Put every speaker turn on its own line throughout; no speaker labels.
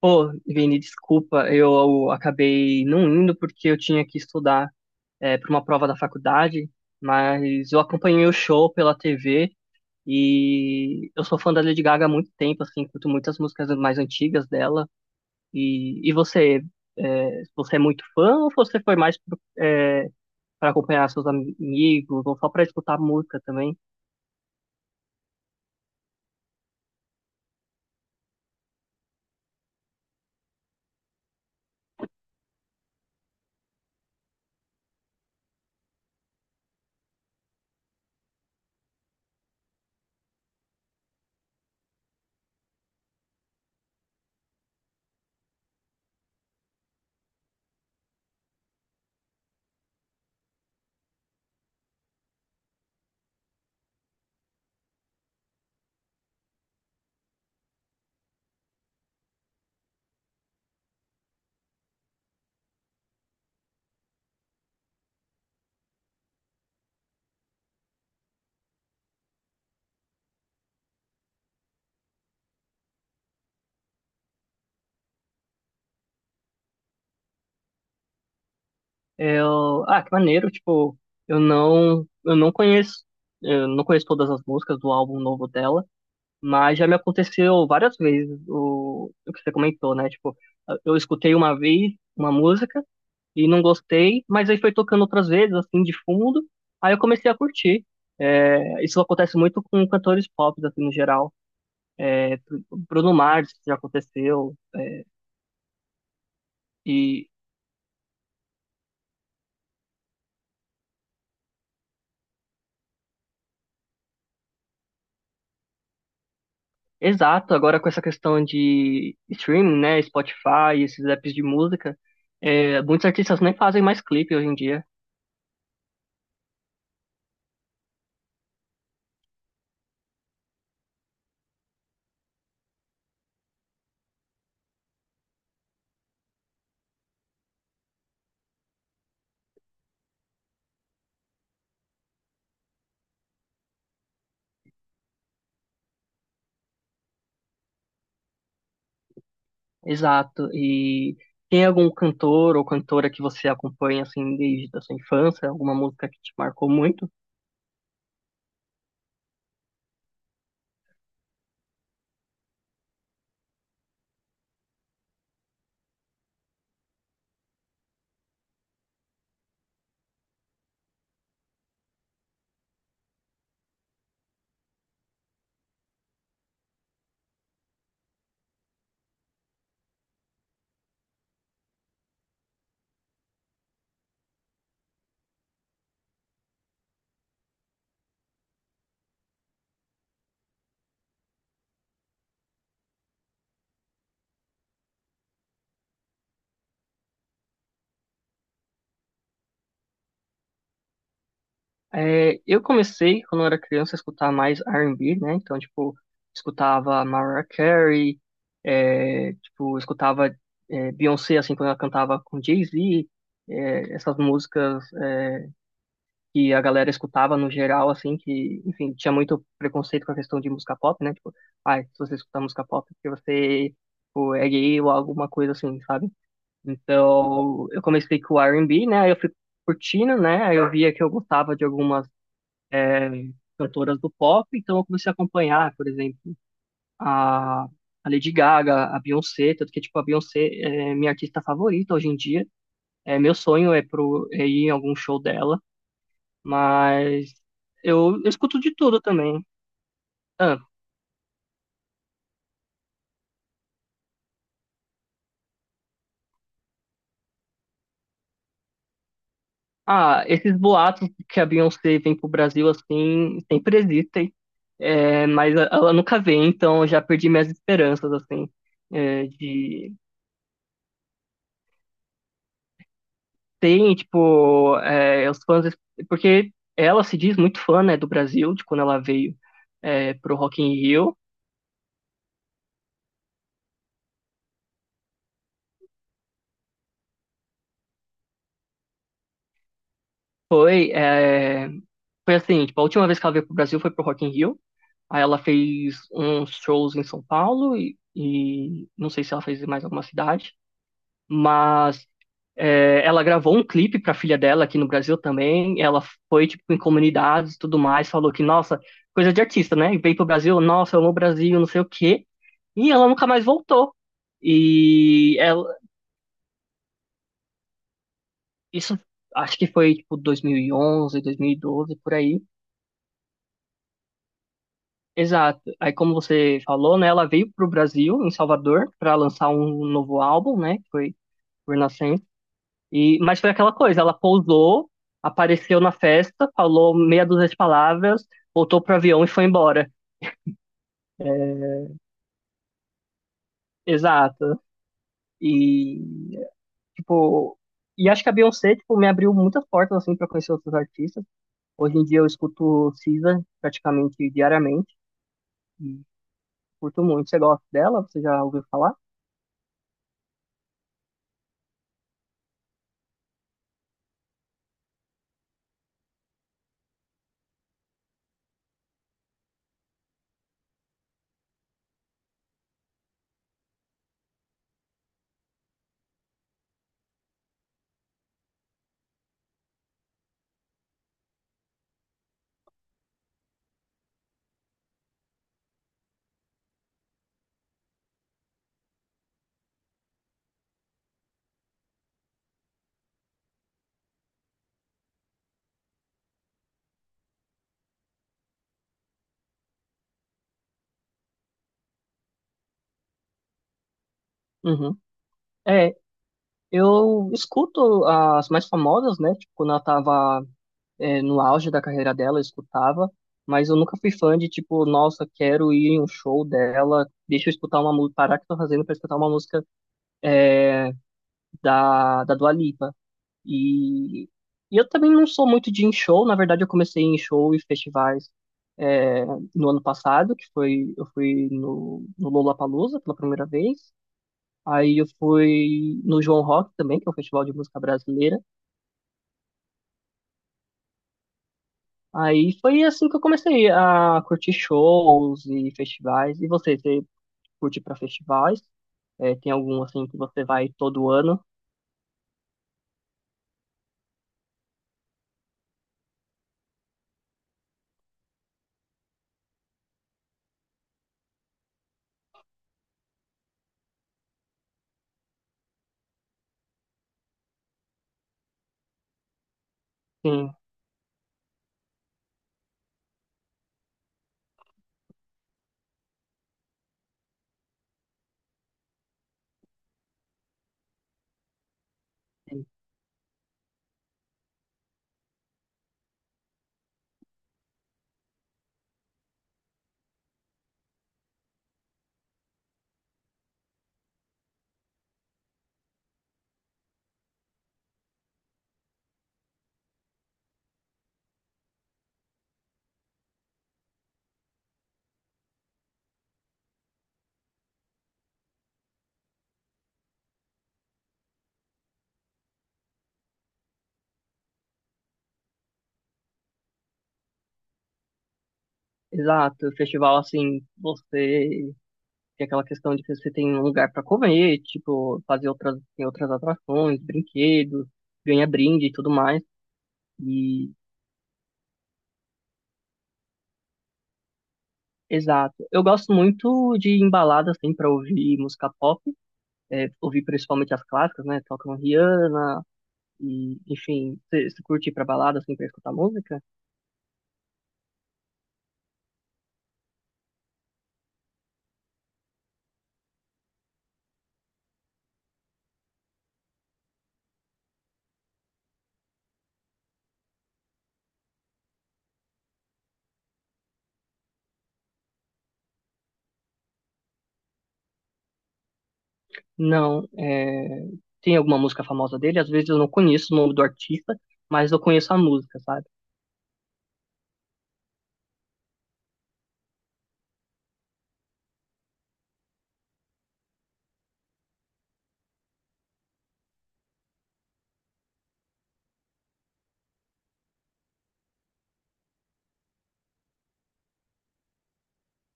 Pô, Vini, desculpa, eu acabei não indo porque eu tinha que estudar para uma prova da faculdade, mas eu acompanhei o show pela TV e eu sou fã da Lady Gaga há muito tempo, assim, curto muitas músicas mais antigas dela. E você, você é muito fã ou você foi mais para acompanhar seus amigos ou só para escutar música também? Eu, ah, que maneiro, tipo, eu não, eu não conheço, eu não conheço todas as músicas do álbum novo dela. Mas já me aconteceu várias vezes o que você comentou, né? Tipo, eu escutei uma vez uma música e não gostei, mas aí foi tocando outras vezes, assim, de fundo, aí eu comecei a curtir. É, isso acontece muito com cantores pop, assim, no geral. Bruno Mars já aconteceu. E, exato, agora com essa questão de streaming, né? Spotify, esses apps de música, muitos artistas nem fazem mais clipe hoje em dia. Exato. E tem algum cantor ou cantora que você acompanha assim desde a sua infância, alguma música que te marcou muito? É, eu comecei quando eu era criança a escutar mais R&B, né? Então, tipo, escutava Mariah Carey, escutava Beyoncé assim quando ela cantava com Jay-Z, essas músicas que a galera escutava no geral, assim, que, enfim, tinha muito preconceito com a questão de música pop, né? Tipo, ai, se você escutar música pop é porque você, tipo, é gay ou alguma coisa assim, sabe? Então, eu comecei com o R&B, né? Aí eu fui curtindo, né? Aí eu via que eu gostava de algumas é, cantoras do pop, então eu comecei a acompanhar, por exemplo, a, a Lady Gaga, a Beyoncé, tanto que, tipo, a Beyoncé é minha artista favorita hoje em dia. É, meu sonho é, é ir em algum show dela. Mas eu escuto de tudo também. Ah, ah, esses boatos que a Beyoncé vem pro Brasil assim, sempre existem. É, mas ela nunca vem, então eu já perdi minhas esperanças, assim, é, de... Tem, tipo, é, os fãs... Porque ela se diz muito fã, né, do Brasil, de quando ela veio pro Rock in Rio. Foi, é, foi assim, tipo, a última vez que ela veio pro Brasil foi pro Rock in Rio. Aí ela fez uns shows em São Paulo e não sei se ela fez em mais alguma cidade, mas ela gravou um clipe para a filha dela aqui no Brasil também. Ela foi tipo em comunidades e tudo mais, falou que nossa, coisa de artista, né? E veio pro Brasil, nossa, eu amo o Brasil, não sei o quê. E ela nunca mais voltou. E ela, isso acho que foi tipo 2011, 2012 por aí. Exato. Aí, como você falou, né, ela veio pro Brasil, em Salvador, para lançar um novo álbum, né, que foi por Inocência. E, mas foi aquela coisa, ela pousou, apareceu na festa, falou meia dúzia de palavras, voltou pro avião e foi embora. Exato. E, tipo, e acho que a Beyoncé, tipo, me abriu muitas portas, assim, para conhecer outros artistas. Hoje em dia eu escuto SZA praticamente diariamente e curto muito. Você gosta dela? Você já ouviu falar? Uhum. É, eu escuto as mais famosas, né? Tipo, quando ela tava no auge da carreira dela, eu escutava, mas eu nunca fui fã de tipo, nossa, quero ir em um show dela, deixa eu escutar uma música, parar o que eu tô fazendo pra escutar uma música da Dua Lipa. E, e eu também não sou muito de ir em show, na verdade eu comecei em show e festivais é, no ano passado, que foi, eu fui no Lollapalooza pela primeira vez, aí eu fui no João Rock também, que é um festival de música brasileira. Aí foi assim que eu comecei a curtir shows e festivais. E você, você curte pra festivais? É, tem algum assim que você vai todo ano? Sim, sim. Exato. Festival assim, você tem aquela questão de que você tem um lugar pra comer, tipo, fazer outras, tem outras atrações, brinquedos, ganha brinde e tudo mais. E exato. Eu gosto muito de embalada assim para ouvir música pop, ouvir principalmente as clássicas, né? Tocam Rihanna, e, enfim, você curte ir pra balada assim pra escutar música? Não. É... Tem alguma música famosa dele? Às vezes eu não conheço o nome do artista, mas eu conheço a música, sabe?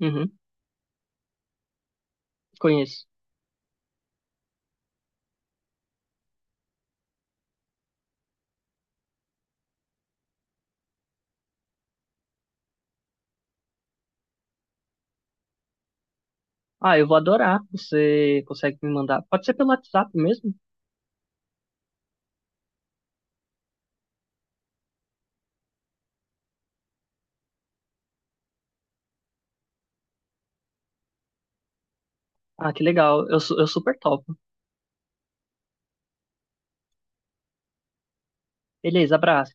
Uhum, conheço. Ah, eu vou adorar. Você consegue me mandar? Pode ser pelo WhatsApp mesmo? Ah, que legal. Eu, eu super topo. Beleza, abraço.